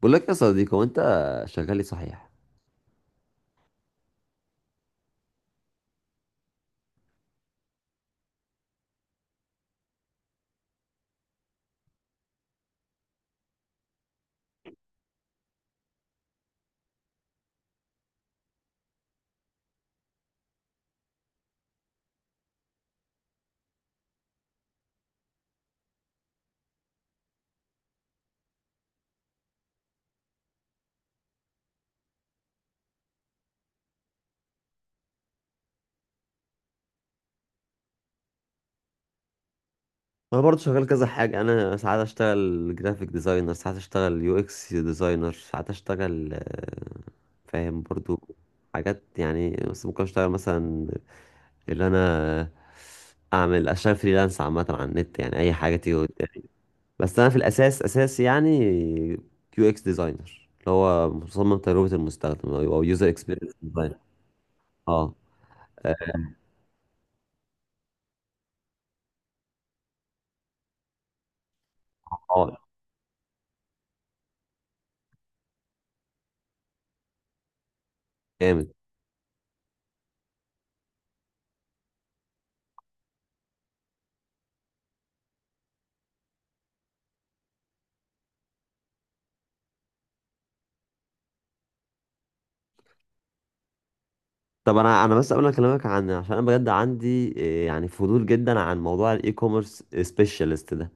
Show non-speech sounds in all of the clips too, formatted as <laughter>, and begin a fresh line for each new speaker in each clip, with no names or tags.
بقول لك يا صديقي، هو انت شغال ايه صحيح؟ انا برضه شغال كذا حاجه. انا ساعات اشتغل جرافيك ديزاينر، ساعات اشتغل يو اكس ديزاينر، ساعات اشتغل فاهم برضه. حاجات يعني، بس ممكن اشتغل مثلا اللي انا اعمل اشتغل فريلانس عامه على النت، يعني اي حاجه تيجي قدامي. بس انا في الاساس اساسي يعني يو اكس ديزاينر، اللي هو مصمم تجربه المستخدم او يوزر اكسبيرينس ديزاينر. اه اه. جامد. طب انا، بس قبل ما اكلمك عن، عشان انا بجد عندي يعني فضول جدا عن موضوع الاي كوميرس سبيشالست ده.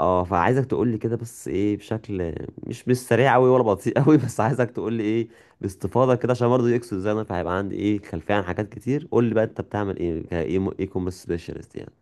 اه، فعايزك تقول لي كده، بس ايه بشكل مش سريع قوي ولا بطيء قوي <laughs> بس عايزك تقول لي ايه باستفاضه كده، عشان برضه يكسر زي انا، فهيبقى عندي ايه خلفيه عن حاجات كتير. قول لي بقى انت بتعمل ايه كاي كوميرس سبيشالست يعني.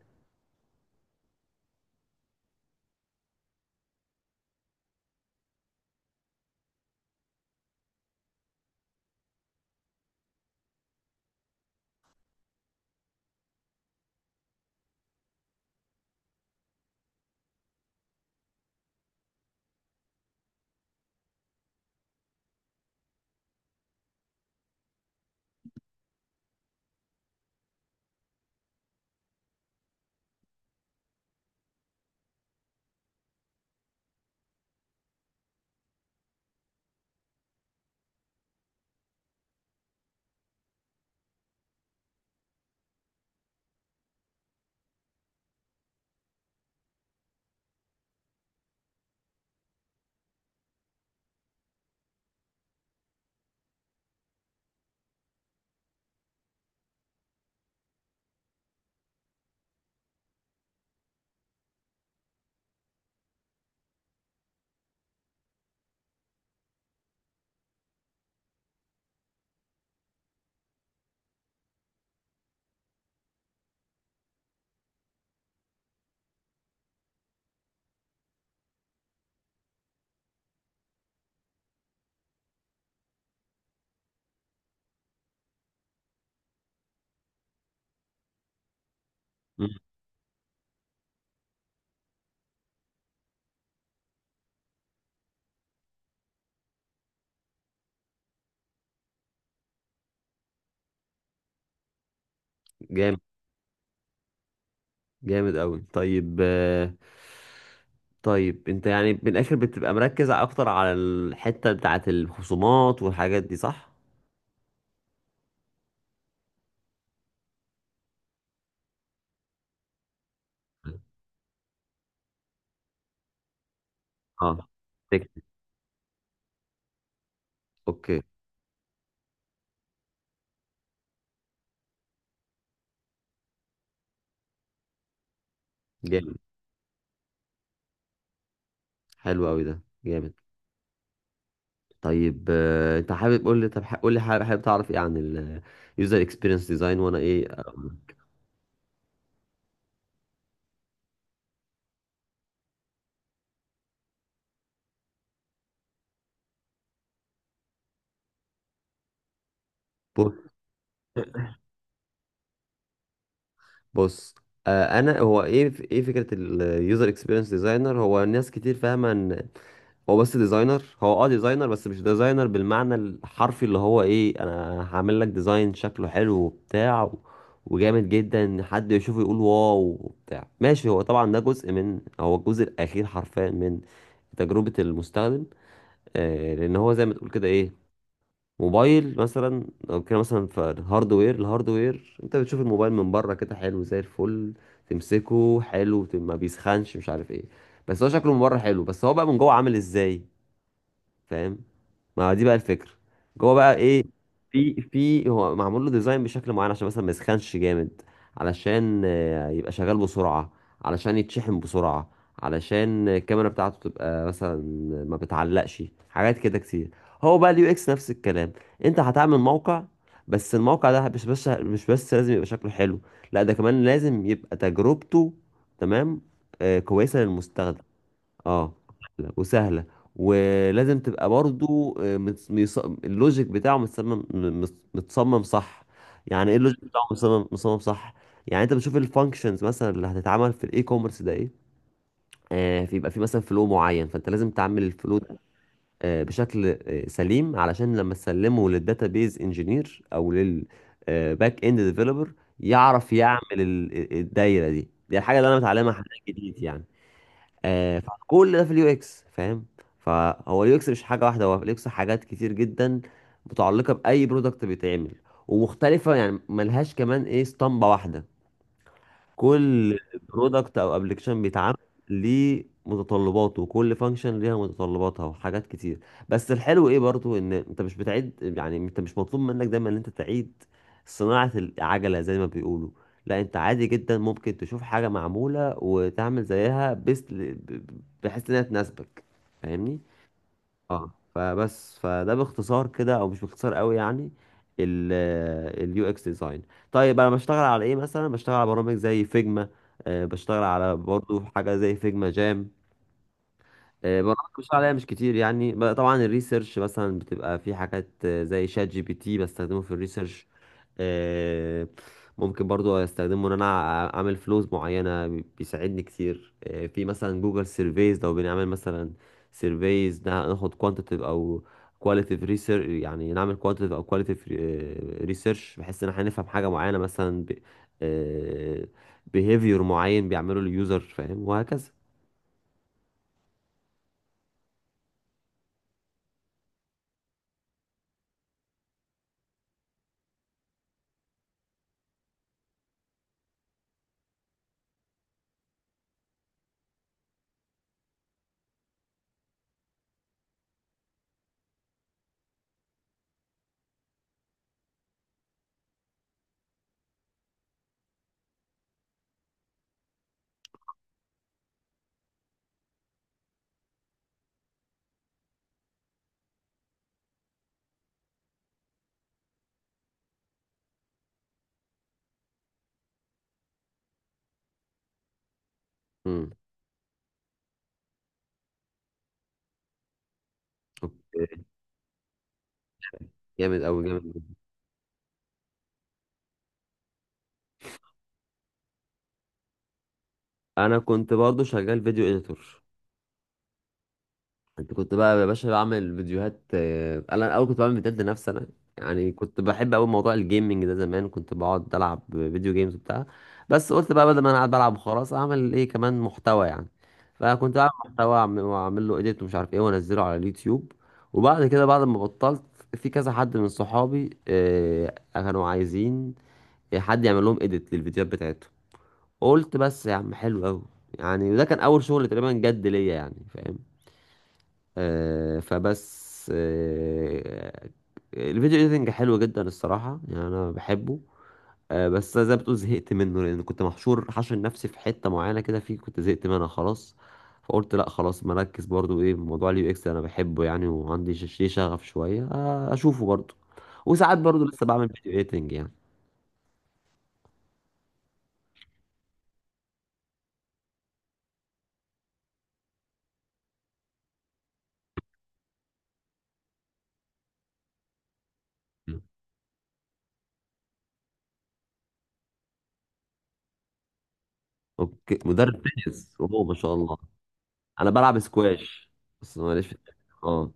مم، جامد. جامد قوي، طيب طيب انت يعني من الاخر بتبقى مركز اكتر على الحته بتاعت الخصومات والحاجات دي، صح؟ اه، اوكي. جامد. حلو قوي، ده جامد. طيب انت حابب قول لي، طب قول لي حابب، حابب تعرف ايه عن اليوزر اكسبيرينس ديزاين وانا ايه أقول لك. بص بص انا هو ايه، ايه فكره اليوزر اكسبيرينس ديزاينر؟ هو ناس كتير فاهمه ان هو بس ديزاينر، هو اه ديزاينر، بس مش ديزاينر بالمعنى الحرفي اللي هو ايه، انا هعمل لك ديزاين شكله حلو وبتاع وجامد جدا ان حد يشوفه يقول واو وبتاع، ماشي. هو طبعا ده جزء من، هو الجزء الاخير حرفيا من تجربة المستخدم. آه، لان هو زي ما تقول كده ايه، موبايل مثلا لو كده مثلا في الهاردوير، الهاردوير انت بتشوف الموبايل من بره كده حلو زي الفل، تمسكه حلو، ما بيسخنش، مش عارف ايه. بس هو شكله من بره حلو، بس هو بقى من جوه عامل ازاي؟ فاهم؟ ما هو دي بقى الفكره. جوه بقى ايه؟ في هو معمول له ديزاين بشكل معين، عشان مثلا ما يسخنش جامد، علشان يبقى شغال بسرعه، علشان يتشحن بسرعه، علشان الكاميرا بتاعته تبقى مثلا ما بتعلقش، حاجات كده كتير. هو بقى اليو اكس نفس الكلام. انت هتعمل موقع، بس الموقع ده مش بس لازم يبقى شكله حلو، لا ده كمان لازم يبقى تجربته، تمام، آه كويسه للمستخدم. اه. سهلة وسهلة. ولازم تبقى برضو اللوجيك بتاعه متصمم، متصمم صح. يعني ايه اللوجيك بتاعه متصمم، متصمم صح؟ يعني انت بتشوف الفانكشنز مثلا اللي هتتعمل في الاي كوميرس ده ايه، آه فيبقى في مثلا فلو معين، فانت لازم تعمل الفلو ده آه بشكل آه سليم، علشان لما تسلمه للداتابيز انجينير او للباك اند ديفلوبر يعرف يعمل الدايره دي. دي الحاجه اللي انا متعلمها، حاجات جديد يعني. فكل ده في اليو اكس، فاهم. فهو اليو اكس مش حاجه واحده، هو اليو اكس حاجات كتير جدا متعلقه باي برودكت بيتعمل، ومختلفه يعني ملهاش كمان ايه اسطمبه واحده. كل برودكت او ابلكيشن بيتعمل ليه متطلباته، وكل فانكشن ليها متطلباتها وحاجات كتير. بس الحلو ايه برضو، ان انت مش بتعيد. يعني انت مش مطلوب منك دايما ان انت تعيد صناعة العجلة زي ما بيقولوا. لا، انت عادي جدا ممكن تشوف حاجة معمولة وتعمل زيها بس، بحيث انها تناسبك. فاهمني؟ اه، فده باختصار كده، او مش باختصار قوي يعني، اليو اكس ديزاين. طيب انا بشتغل على ايه؟ مثلا بشتغل على برامج زي فيجما، بشتغل على برضو حاجه زي فيجما جام. برامج بشتغل عليها مش كتير يعني. طبعا الريسيرش مثلا بتبقى في حاجات زي شات جي بي تي، بستخدمه في الريسيرش. آه، ممكن برضو استخدمه ان انا اعمل فلوز معينة، بيساعدني كتير في مثلا جوجل سيرفيز. لو بنعمل مثلا سيرفيز، ناخد كوانتيتيف او كواليتيف ريسيرش، يعني نعمل كوانتيتيف او كواليتيف ريسيرش بحيث ان احنا نفهم حاجة معينة، مثلا بيهيفير معين بيعمله اليوزر، فاهم، وهكذا. مم. جامد أوي، جامد أوي. أنا كنت برضو شغال فيديو إديتور. أنت كنت بقى يا باشا بعمل فيديوهات أنا الأول كنت بعمل فيديوهات لنفسي أنا، يعني كنت بحب أوي موضوع الجيمنج ده. زمان كنت بقعد ألعب فيديو جيمز وبتاع، بس قلت بقى بدل ما أنا قاعد بلعب وخلاص، أعمل إيه كمان محتوى يعني. فكنت بعمل محتوى وأعمل، وأعمل له إديت ومش عارف إيه وأنزله على اليوتيوب. وبعد كده بعد ما بطلت، في كذا حد من صحابي كانوا عايزين حد يعمل لهم إديت للفيديوهات بتاعتهم. قلت بس يا عم حلو قوي يعني. وده كان اول شغل تقريبا جد ليا، يعني فاهم. آه، فبس آه الفيديو ايديتنج حلو جدا الصراحه، يعني انا بحبه. آه بس زي ما بتقول زهقت منه، لان كنت محشور حاشر نفسي في حته معينه كده، فيه كنت زهقت منها خلاص. فقلت لا خلاص، مركز برضو ايه موضوع اليو اكس، انا بحبه يعني وعندي ليه شغف شويه آه، اشوفه برضو. وساعات برضو لسه بعمل فيديو ايديتنج يعني. م. اوكي، مدرب تنس، اوه ما شاء الله. انا بلعب سكواش بس ماليش في. اه،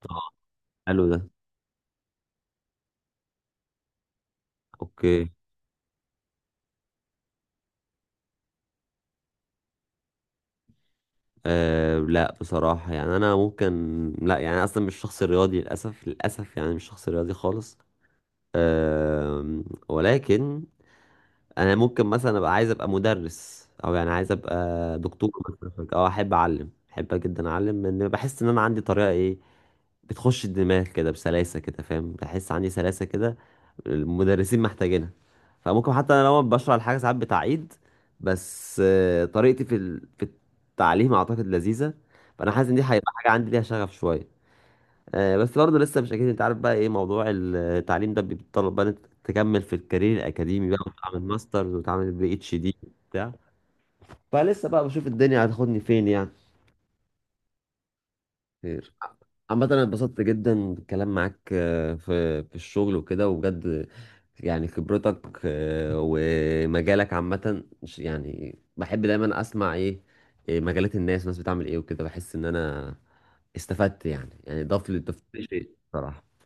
طبعا. حلو ده. اوكي. آه لا بصراحة يعني انا ممكن، لا يعني أنا اصلا مش شخص رياضي للاسف، للاسف يعني مش شخص رياضي خالص. آه، ولكن انا ممكن مثلا ابقى عايز ابقى مدرس، او يعني عايز ابقى دكتور مثلا، او احب اعلم، احب جدا اعلم، لان بحس ان انا عندي طريقة ايه، بتخش الدماغ كده بسلاسة كده، فاهم، بحس عندي سلاسة كده المدرسين محتاجينها. فممكن حتى انا لو بشرح الحاجة ساعات بتعيد، بس طريقتي في في التعليم اعتقد لذيذة. فانا حاسس ان دي هيبقى حاجة عندي ليها شغف شوية. بس برضه لسه مش اكيد، انت عارف بقى ايه موضوع التعليم ده بيتطلب بقى إن أنت تكمل في الكارير الاكاديمي بقى، وتعمل ماسترز وتعمل بي اتش دي بتاع. فلسه بقى بشوف الدنيا هتاخدني فين يعني. خير. عامة أنا اتبسطت جدا بالكلام معاك في في الشغل وكده، وبجد يعني خبرتك ومجالك عامة يعني بحب دايما أسمع إيه مجالات الناس، الناس بتعمل إيه وكده. بحس إن أنا استفدت يعني، يعني ضاف لي، ضفت لي شيء بصراحة.